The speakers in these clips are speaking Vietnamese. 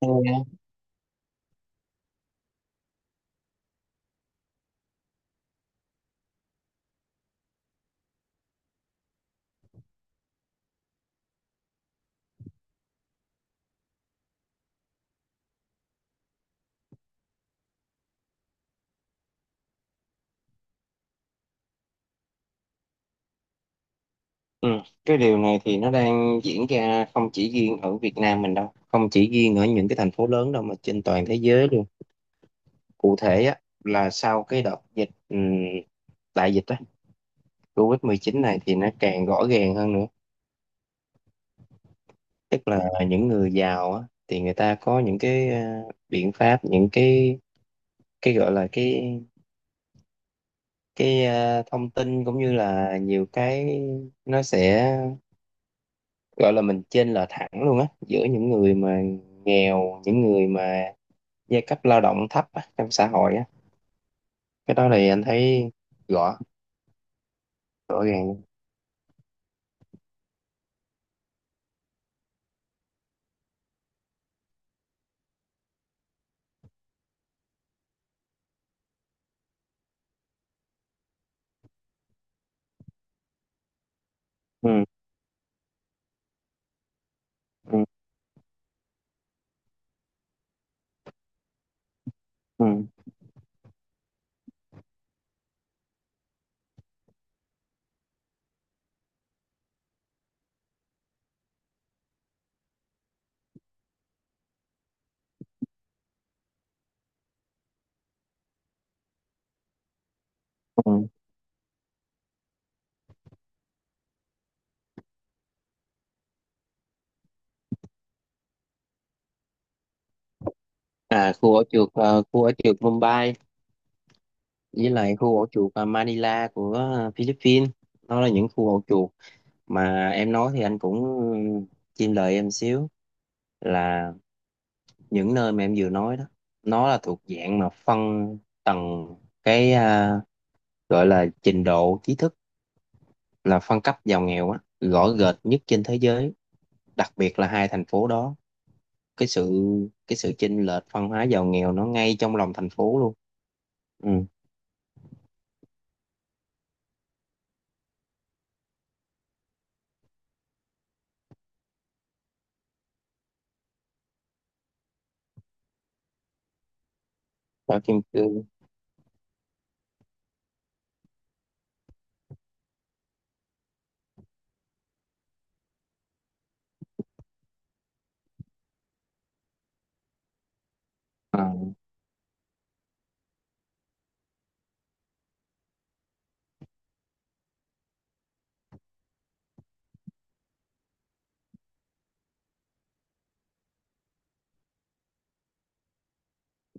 Ừ. Ừ. Cái điều này thì nó đang diễn ra không chỉ riêng ở Việt Nam mình đâu, không chỉ riêng ở những cái thành phố lớn đâu, mà trên toàn thế giới luôn. Cụ thể á, là sau cái đợt dịch, đại dịch á, covid mười chín này thì nó càng rõ ràng hơn nữa. Tức là những người giàu á, thì người ta có những cái biện pháp, những cái gọi là cái thông tin, cũng như là nhiều cái, nó sẽ gọi là mình chênh lệch thẳng luôn á, giữa những người mà nghèo, những người mà giai cấp lao động thấp á, trong xã hội á. Cái đó thì anh thấy rõ rõ ràng. Ừ, ừ, ừ, ừ. À, khu ổ chuột Mumbai, với lại khu ổ chuột Manila của Philippines. Nó là những khu ổ chuột mà em nói thì anh cũng chim lời em xíu, là những nơi mà em vừa nói đó, nó là thuộc dạng mà phân tầng cái, gọi là trình độ trí thức, là phân cấp giàu nghèo á, rõ rệt nhất trên thế giới, đặc biệt là hai thành phố đó. Cái sự cái sự chênh lệch văn hóa giàu nghèo, nó ngay trong lòng thành phố luôn. Ừ. Ở kim cương. À,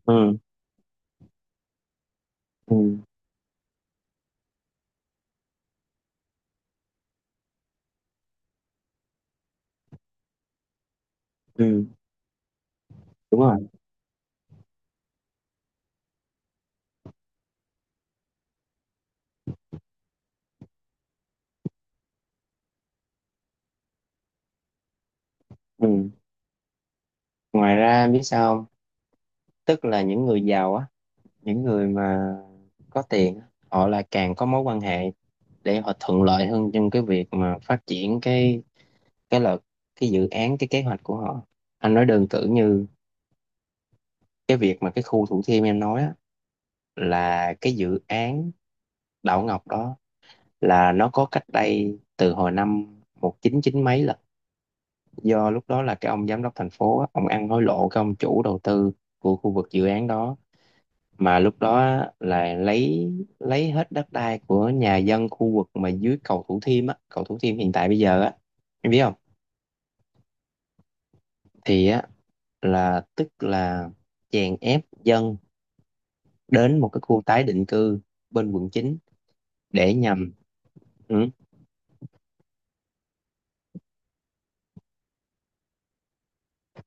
ừ, ừ, ừ. Đúng rồi. Ừ. Ngoài ra em biết sao không? Tức là những người giàu á, những người mà có tiền á, họ là càng có mối quan hệ để họ thuận lợi hơn trong cái việc mà phát triển cái là cái dự án, cái kế hoạch của họ. Anh nói đơn cử như cái việc mà cái khu Thủ Thiêm em nói á, là cái dự án đảo Ngọc đó, là nó có cách đây từ hồi năm một chín chín mấy, là do lúc đó là cái ông giám đốc thành phố á, ông ăn hối lộ cái ông chủ đầu tư của khu vực dự án đó, mà lúc đó á, là lấy hết đất đai của nhà dân khu vực mà dưới cầu Thủ Thiêm á, cầu Thủ Thiêm hiện tại bây giờ á, em biết không? Thì á, là tức là chèn ép dân đến một cái khu tái định cư bên quận chín, để nhằm… Ừ,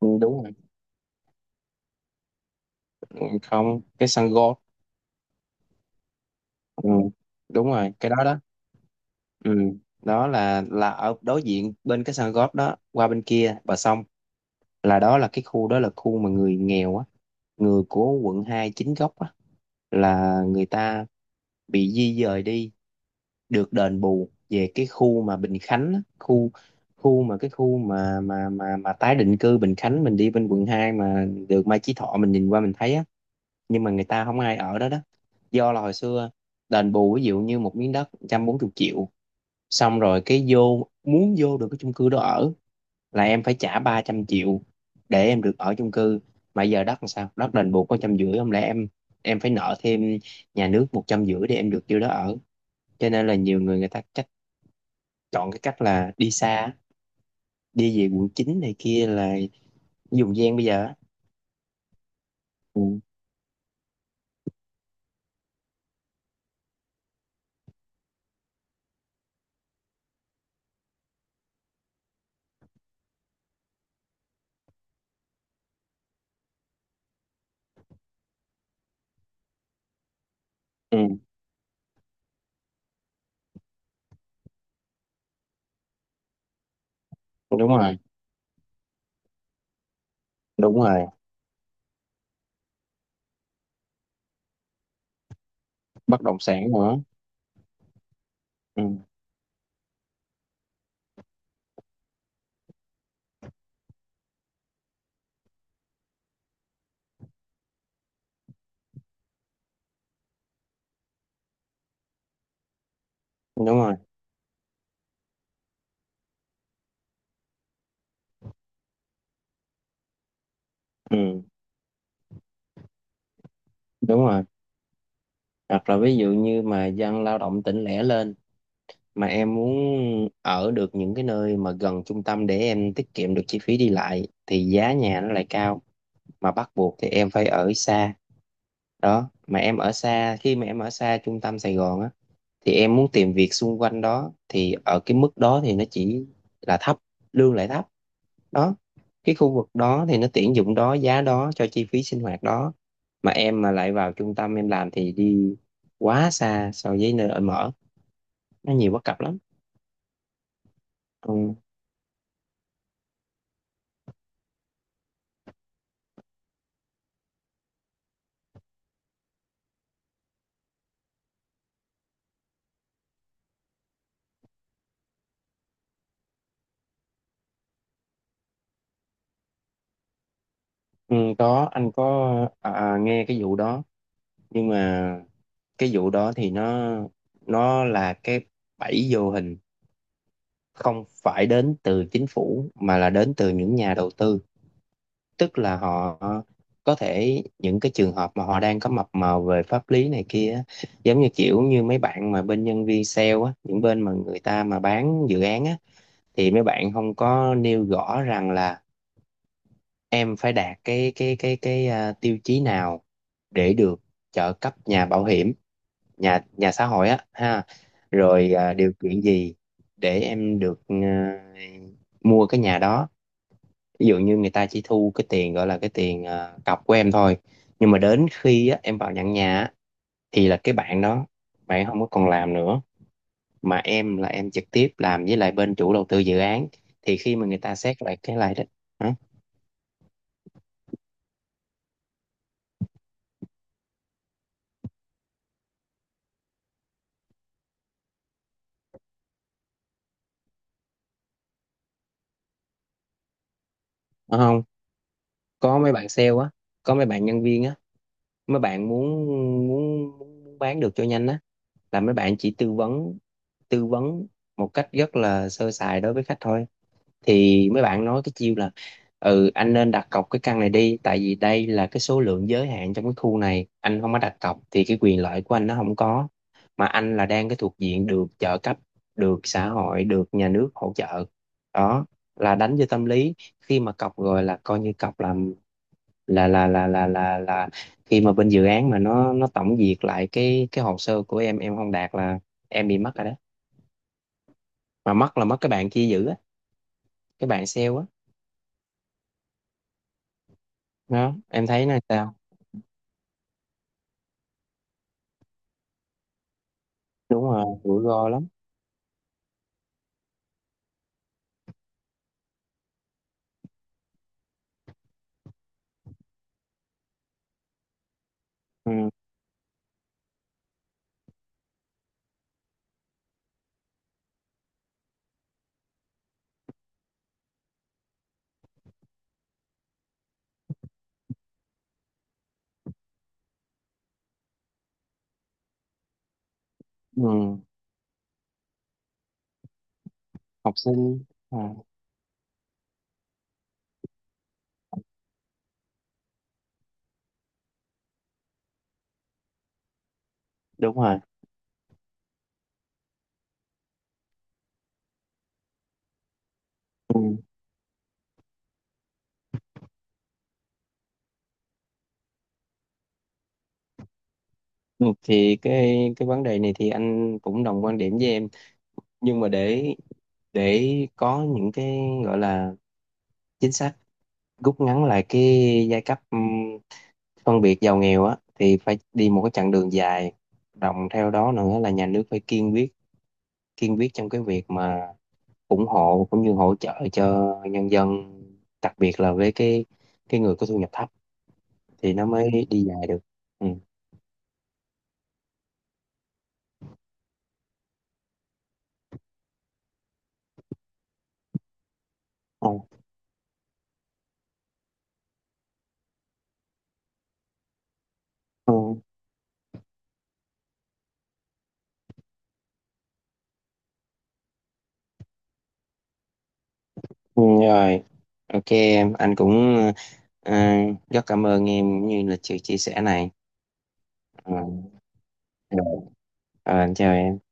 đúng rồi. Ừ, không, cái sân golf. Ừ, đúng rồi, cái đó đó. Ừ. Đó là ở đối diện bên cái sân golf đó, qua bên kia bờ sông, là đó là cái khu, đó là khu mà người nghèo á, người của quận 2 chính gốc á, là người ta bị di dời đi, được đền bù về cái khu mà Bình Khánh á, khu khu mà cái khu mà tái định cư Bình Khánh, mình đi bên quận 2 mà được Mai Chí Thọ, mình nhìn qua mình thấy á, nhưng mà người ta không ai ở đó đó. Do là hồi xưa đền bù ví dụ như một miếng đất 140 triệu, xong rồi cái vô, muốn vô được cái chung cư đó ở là em phải trả 300 triệu để em được ở chung cư. Mà giờ đất làm sao, đất đền bù có trăm rưỡi, không lẽ em phải nợ thêm nhà nước một trăm rưỡi để em được vô đó ở. Cho nên là nhiều người người ta cách chọn cái cách là đi xa, đi về quận 9 này kia là dùng gian bây giờ á. Ừ. Ừ, đúng rồi, đúng rồi. Bất động sản nữa. Ừ, đúng rồi. Ừ, đúng rồi. Hoặc là ví dụ như mà dân lao động tỉnh lẻ lên, mà em muốn ở được những cái nơi mà gần trung tâm để em tiết kiệm được chi phí đi lại, thì giá nhà nó lại cao, mà bắt buộc thì em phải ở xa. Đó, mà em ở xa, khi mà em ở xa trung tâm Sài Gòn á, thì em muốn tìm việc xung quanh đó thì ở cái mức đó thì nó chỉ là thấp, lương lại thấp. Đó, cái khu vực đó thì nó tuyển dụng đó, giá đó cho chi phí sinh hoạt đó, mà em mà lại vào trung tâm em làm thì đi quá xa so với nơi ở mở, nó nhiều bất cập lắm. Ừ. Ừ, có, anh có, à, à, nghe cái vụ đó. Nhưng mà cái vụ đó thì nó là cái bẫy vô hình, không phải đến từ chính phủ mà là đến từ những nhà đầu tư. Tức là họ, có thể những cái trường hợp mà họ đang có mập mờ về pháp lý này kia á, giống như kiểu như mấy bạn mà bên nhân viên sale á, những bên mà người ta mà bán dự án á, thì mấy bạn không có nêu rõ rằng là em phải đạt cái tiêu chí nào để được trợ cấp nhà bảo hiểm, nhà nhà xã hội á ha. Rồi, à, điều kiện gì để em được, à, mua cái nhà đó. Ví dụ như người ta chỉ thu cái tiền, gọi là cái tiền, à, cọc của em thôi, nhưng mà đến khi á, em vào nhận nhà á, thì là cái bạn đó, bạn không có còn làm nữa, mà em là em trực tiếp làm với lại bên chủ đầu tư dự án. Thì khi mà người ta xét lại cái lại đó, hả? Đúng không? Có mấy bạn sale á, có mấy bạn nhân viên á, mấy bạn muốn muốn muốn bán được cho nhanh á, là mấy bạn chỉ tư vấn một cách rất là sơ sài đối với khách thôi. Thì mấy bạn nói cái chiêu là: ừ, anh nên đặt cọc cái căn này đi, tại vì đây là cái số lượng giới hạn trong cái khu này, anh không có đặt cọc thì cái quyền lợi của anh nó không có, mà anh là đang cái thuộc diện được trợ cấp, được xã hội, được nhà nước hỗ trợ. Đó, là đánh vô tâm lý. Khi mà cọc rồi là coi như cọc làm, là khi mà bên dự án mà nó tổng duyệt lại cái hồ sơ của em không đạt là em bị mất rồi đó. Mà mất là mất, cái bạn kia giữ á, cái bạn sale á. Đó, em thấy là sao? Đúng rồi, rủi ro lắm. Ừ. Ừ. Học sinh, à, đúng rồi. Ừ. Ừ. Thì cái vấn đề này thì anh cũng đồng quan điểm với em. Nhưng mà để có những cái gọi là chính sách rút ngắn lại cái giai cấp, ừ, phân biệt giàu nghèo á, thì phải đi một cái chặng đường dài. Đồng theo đó nữa là nhà nước phải kiên quyết trong cái việc mà ủng hộ cũng như hỗ trợ cho nhân dân, đặc biệt là với cái người có thu nhập thấp, thì nó mới đi dài được. Ừ. Ừ. Ừ. Ừ, rồi. Ok em, anh cũng, ờ, rất cảm ơn em cũng như là sự chia sẻ này. Ừ. Rồi. Ờ, anh chào em.